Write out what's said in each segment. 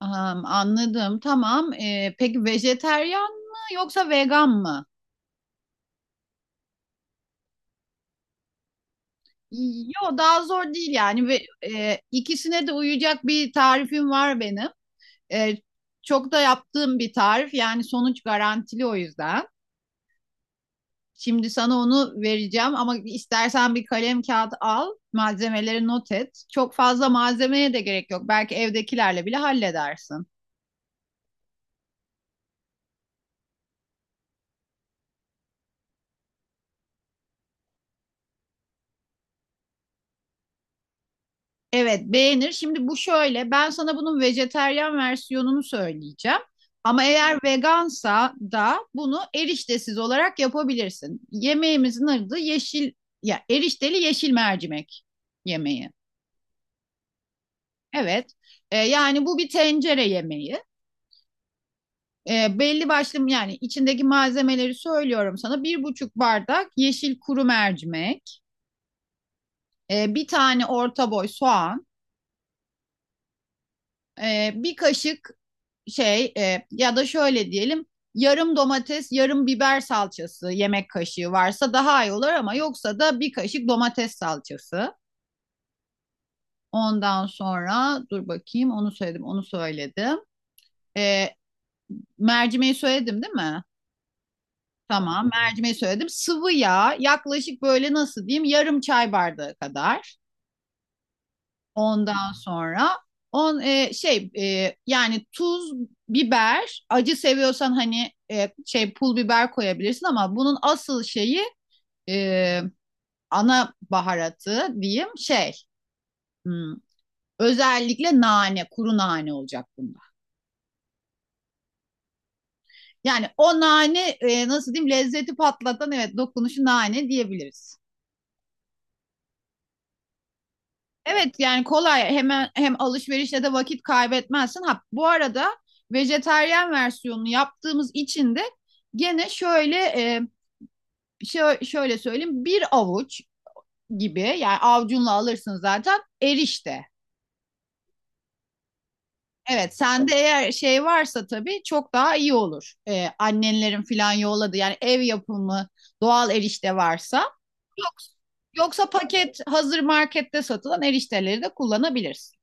Anladım. Tamam. Peki vejeteryan mı yoksa vegan mı? Yo daha zor değil yani ikisine de uyacak bir tarifim var benim. E, Çok da yaptığım bir tarif yani sonuç garantili o yüzden. Şimdi sana onu vereceğim ama istersen bir kalem kağıt al, malzemeleri not et. Çok fazla malzemeye de gerek yok. Belki evdekilerle bile halledersin. Evet, beğenir. Şimdi bu şöyle, ben sana bunun vejeteryan versiyonunu söyleyeceğim. Ama eğer vegansa da bunu eriştesiz olarak yapabilirsin. Yemeğimizin adı yeşil ya erişteli yeşil mercimek yemeği. Evet. Yani bu bir tencere yemeği. Belli başlı yani içindeki malzemeleri söylüyorum sana. 1,5 bardak yeşil kuru mercimek, bir tane orta boy soğan, bir kaşık ya da şöyle diyelim, yarım domates yarım biber salçası yemek kaşığı varsa daha iyi olur, ama yoksa da bir kaşık domates salçası. Ondan sonra dur bakayım, onu söyledim, onu söyledim. E, Mercimeği söyledim değil mi? Tamam, mercimeği söyledim. Sıvı yağ yaklaşık böyle nasıl diyeyim yarım çay bardağı kadar. Ondan sonra on e, şey e, yani tuz, biber, acı seviyorsan hani pul biber koyabilirsin ama bunun asıl şeyi e, ana baharatı diyeyim hmm, özellikle nane, kuru nane olacak bunda. Yani o nane, nasıl diyeyim, lezzeti patlatan, evet, dokunuşu nane diyebiliriz. Evet, yani kolay, hemen hem alışverişle de vakit kaybetmezsin. Ha, bu arada vejetaryen versiyonunu yaptığımız için de gene şöyle söyleyeyim, bir avuç gibi, yani avcunla alırsın zaten erişte. Evet, sende eğer şey varsa tabii çok daha iyi olur. E, annenlerin filan yolladı yani, ev yapımı doğal erişte varsa. Yoksa, yoksa paket hazır markette satılan erişteleri de kullanabilirsin.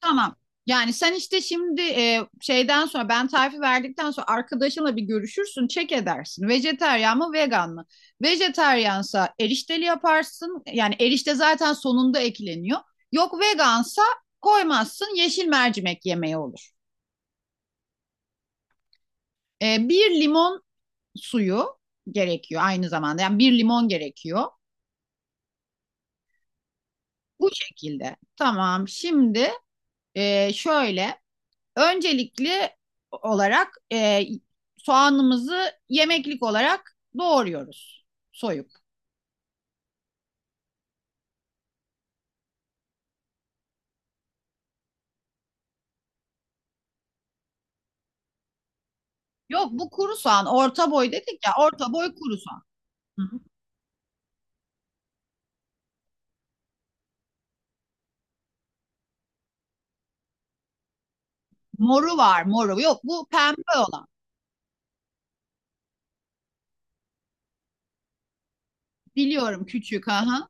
Tamam. Yani sen işte şimdi şeyden sonra, ben tarifi verdikten sonra arkadaşınla bir görüşürsün, çek edersin. Vejeteryan mı, vegan mı? Vejeteryansa erişteli yaparsın. Yani erişte zaten sonunda ekleniyor. Yok, vegansa koymazsın, yeşil mercimek yemeği olur. E, bir limon suyu gerekiyor aynı zamanda. Yani bir limon gerekiyor. Bu şekilde. Tamam. Şimdi e, şöyle öncelikli olarak soğanımızı yemeklik olarak doğruyoruz. Soyup. Yok, bu kuru soğan. Orta boy dedik ya. Orta boy kuru soğan. Hı hı. Moru var, moru. Yok, bu pembe olan. Biliyorum, küçük. Aha.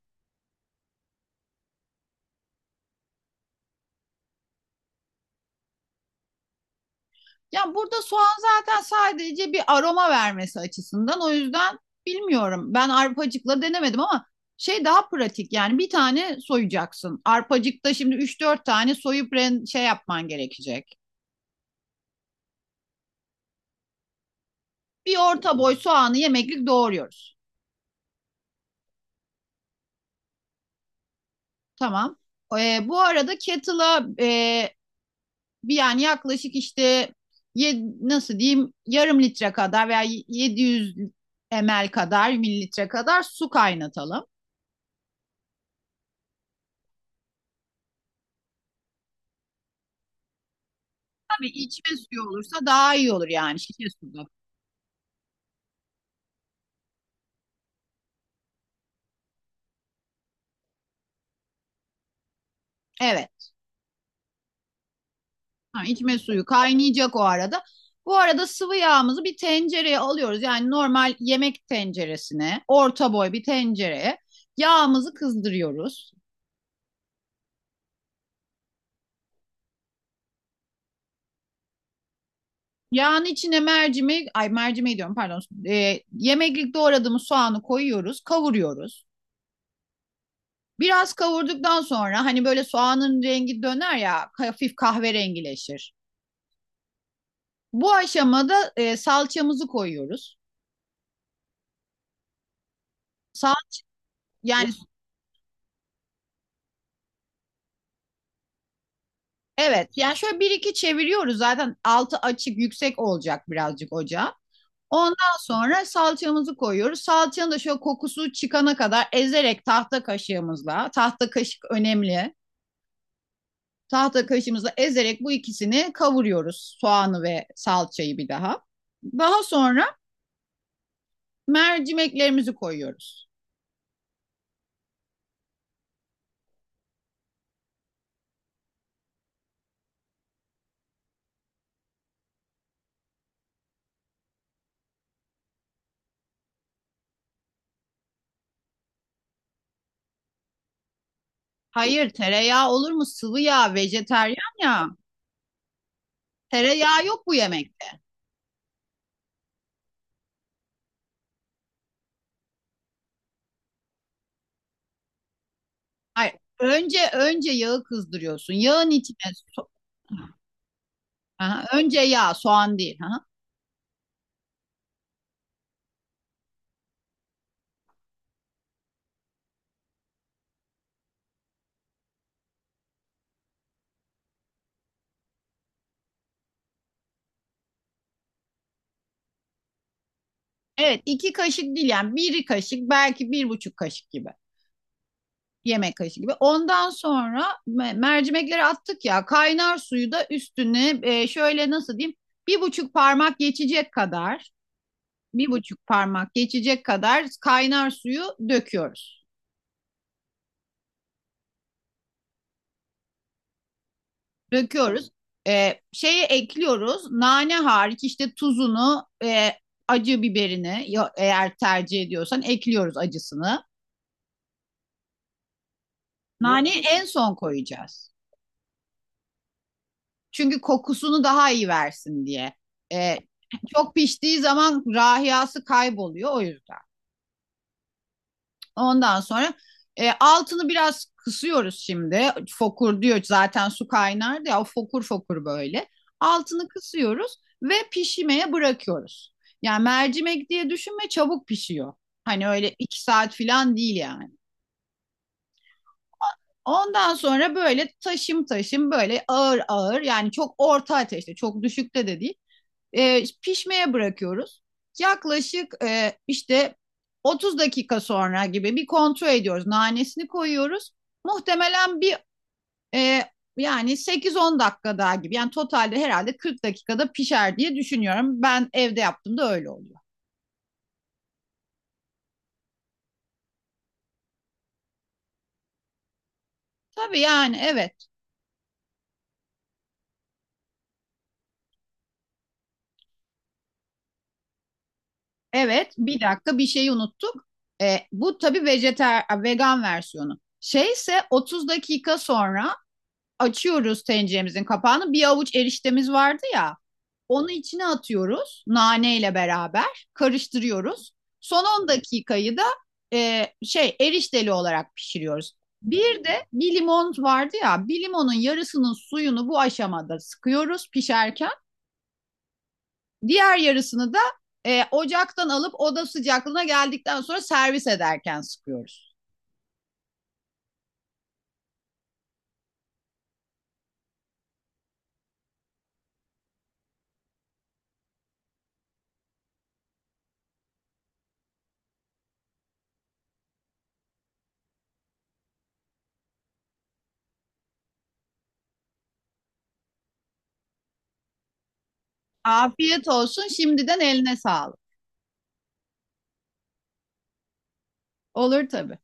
Ya burada soğan zaten sadece bir aroma vermesi açısından. O yüzden bilmiyorum, ben arpacıkla denemedim ama şey, daha pratik yani, bir tane soyacaksın. Arpacıkta şimdi üç dört tane soyup yapman gerekecek. Bir orta boy soğanı yemeklik doğruyoruz. Tamam. Bu arada kettle'a bir yani yaklaşık işte nasıl diyeyim 0,5 litre kadar veya 700 ml kadar mililitre kadar su kaynatalım. Tabii içme suyu olursa daha iyi olur, yani şişe suyu. Evet. Ha, içme suyu kaynayacak o arada. Bu arada sıvı yağımızı bir tencereye alıyoruz. Yani normal yemek tenceresine, orta boy bir tencereye yağımızı kızdırıyoruz. Yağın içine mercimek, ay mercimeği diyorum, pardon. Yemeklik doğradığımız soğanı koyuyoruz, kavuruyoruz. Biraz kavurduktan sonra hani böyle soğanın rengi döner ya, hafif kahverengileşir. Bu aşamada salçamızı koyuyoruz. Sal Yani evet, yani şöyle bir iki çeviriyoruz, zaten altı açık yüksek olacak birazcık ocağa. Ondan sonra salçamızı koyuyoruz. Salçanın da şöyle kokusu çıkana kadar ezerek tahta kaşığımızla, tahta kaşık önemli. Tahta kaşımızla ezerek bu ikisini kavuruyoruz. Soğanı ve salçayı bir daha. Daha sonra mercimeklerimizi koyuyoruz. Hayır, tereyağı olur mu? Sıvı yağ, vejeteryan ya. Tereyağı yok bu yemekte. Hayır. Önce yağı kızdırıyorsun. Yağın içine so- aha, önce yağ, soğan değil. Aha. Evet, iki kaşık değil yani, bir kaşık belki, bir buçuk kaşık gibi. Yemek kaşığı gibi. Ondan sonra mercimekleri attık ya, kaynar suyu da üstüne şöyle nasıl diyeyim, bir buçuk parmak geçecek kadar, bir buçuk parmak geçecek kadar kaynar suyu döküyoruz. Döküyoruz. Şeyi ekliyoruz, nane hariç işte, tuzunu, acı biberini eğer tercih ediyorsan ekliyoruz, acısını. Naneyi en son koyacağız. Çünkü kokusunu daha iyi versin diye. Ee, Çok piştiği zaman rahiyası kayboluyor o yüzden. Ondan sonra altını biraz kısıyoruz şimdi. Fokur diyor zaten, su kaynardı ya, o fokur fokur böyle. Altını kısıyoruz ve pişmeye bırakıyoruz. Yani mercimek diye düşünme, çabuk pişiyor. Hani öyle iki saat falan değil yani. Ondan sonra böyle taşım taşım, böyle ağır ağır, yani çok orta ateşte, çok düşükte de değil, pişmeye bırakıyoruz. Yaklaşık işte 30 dakika sonra gibi bir kontrol ediyoruz. Nanesini koyuyoruz. Muhtemelen bir e, yani 8-10 dakika daha gibi. Yani totalde herhalde 40 dakikada pişer diye düşünüyorum. Ben evde yaptığımda öyle oluyor. Tabii, yani evet. Evet, bir dakika, bir şeyi unuttuk. E, bu tabii vegan versiyonu. Şeyse 30 dakika sonra açıyoruz tenceremizin kapağını. Bir avuç eriştemiz vardı ya. Onu içine atıyoruz, naneyle beraber karıştırıyoruz. Son 10 dakikayı da erişteli olarak pişiriyoruz. Bir de bir limon vardı ya, bir limonun yarısının suyunu bu aşamada sıkıyoruz, pişerken. Diğer yarısını da ocaktan alıp oda sıcaklığına geldikten sonra servis ederken sıkıyoruz. Afiyet olsun şimdiden, eline sağlık. Olur, tabii.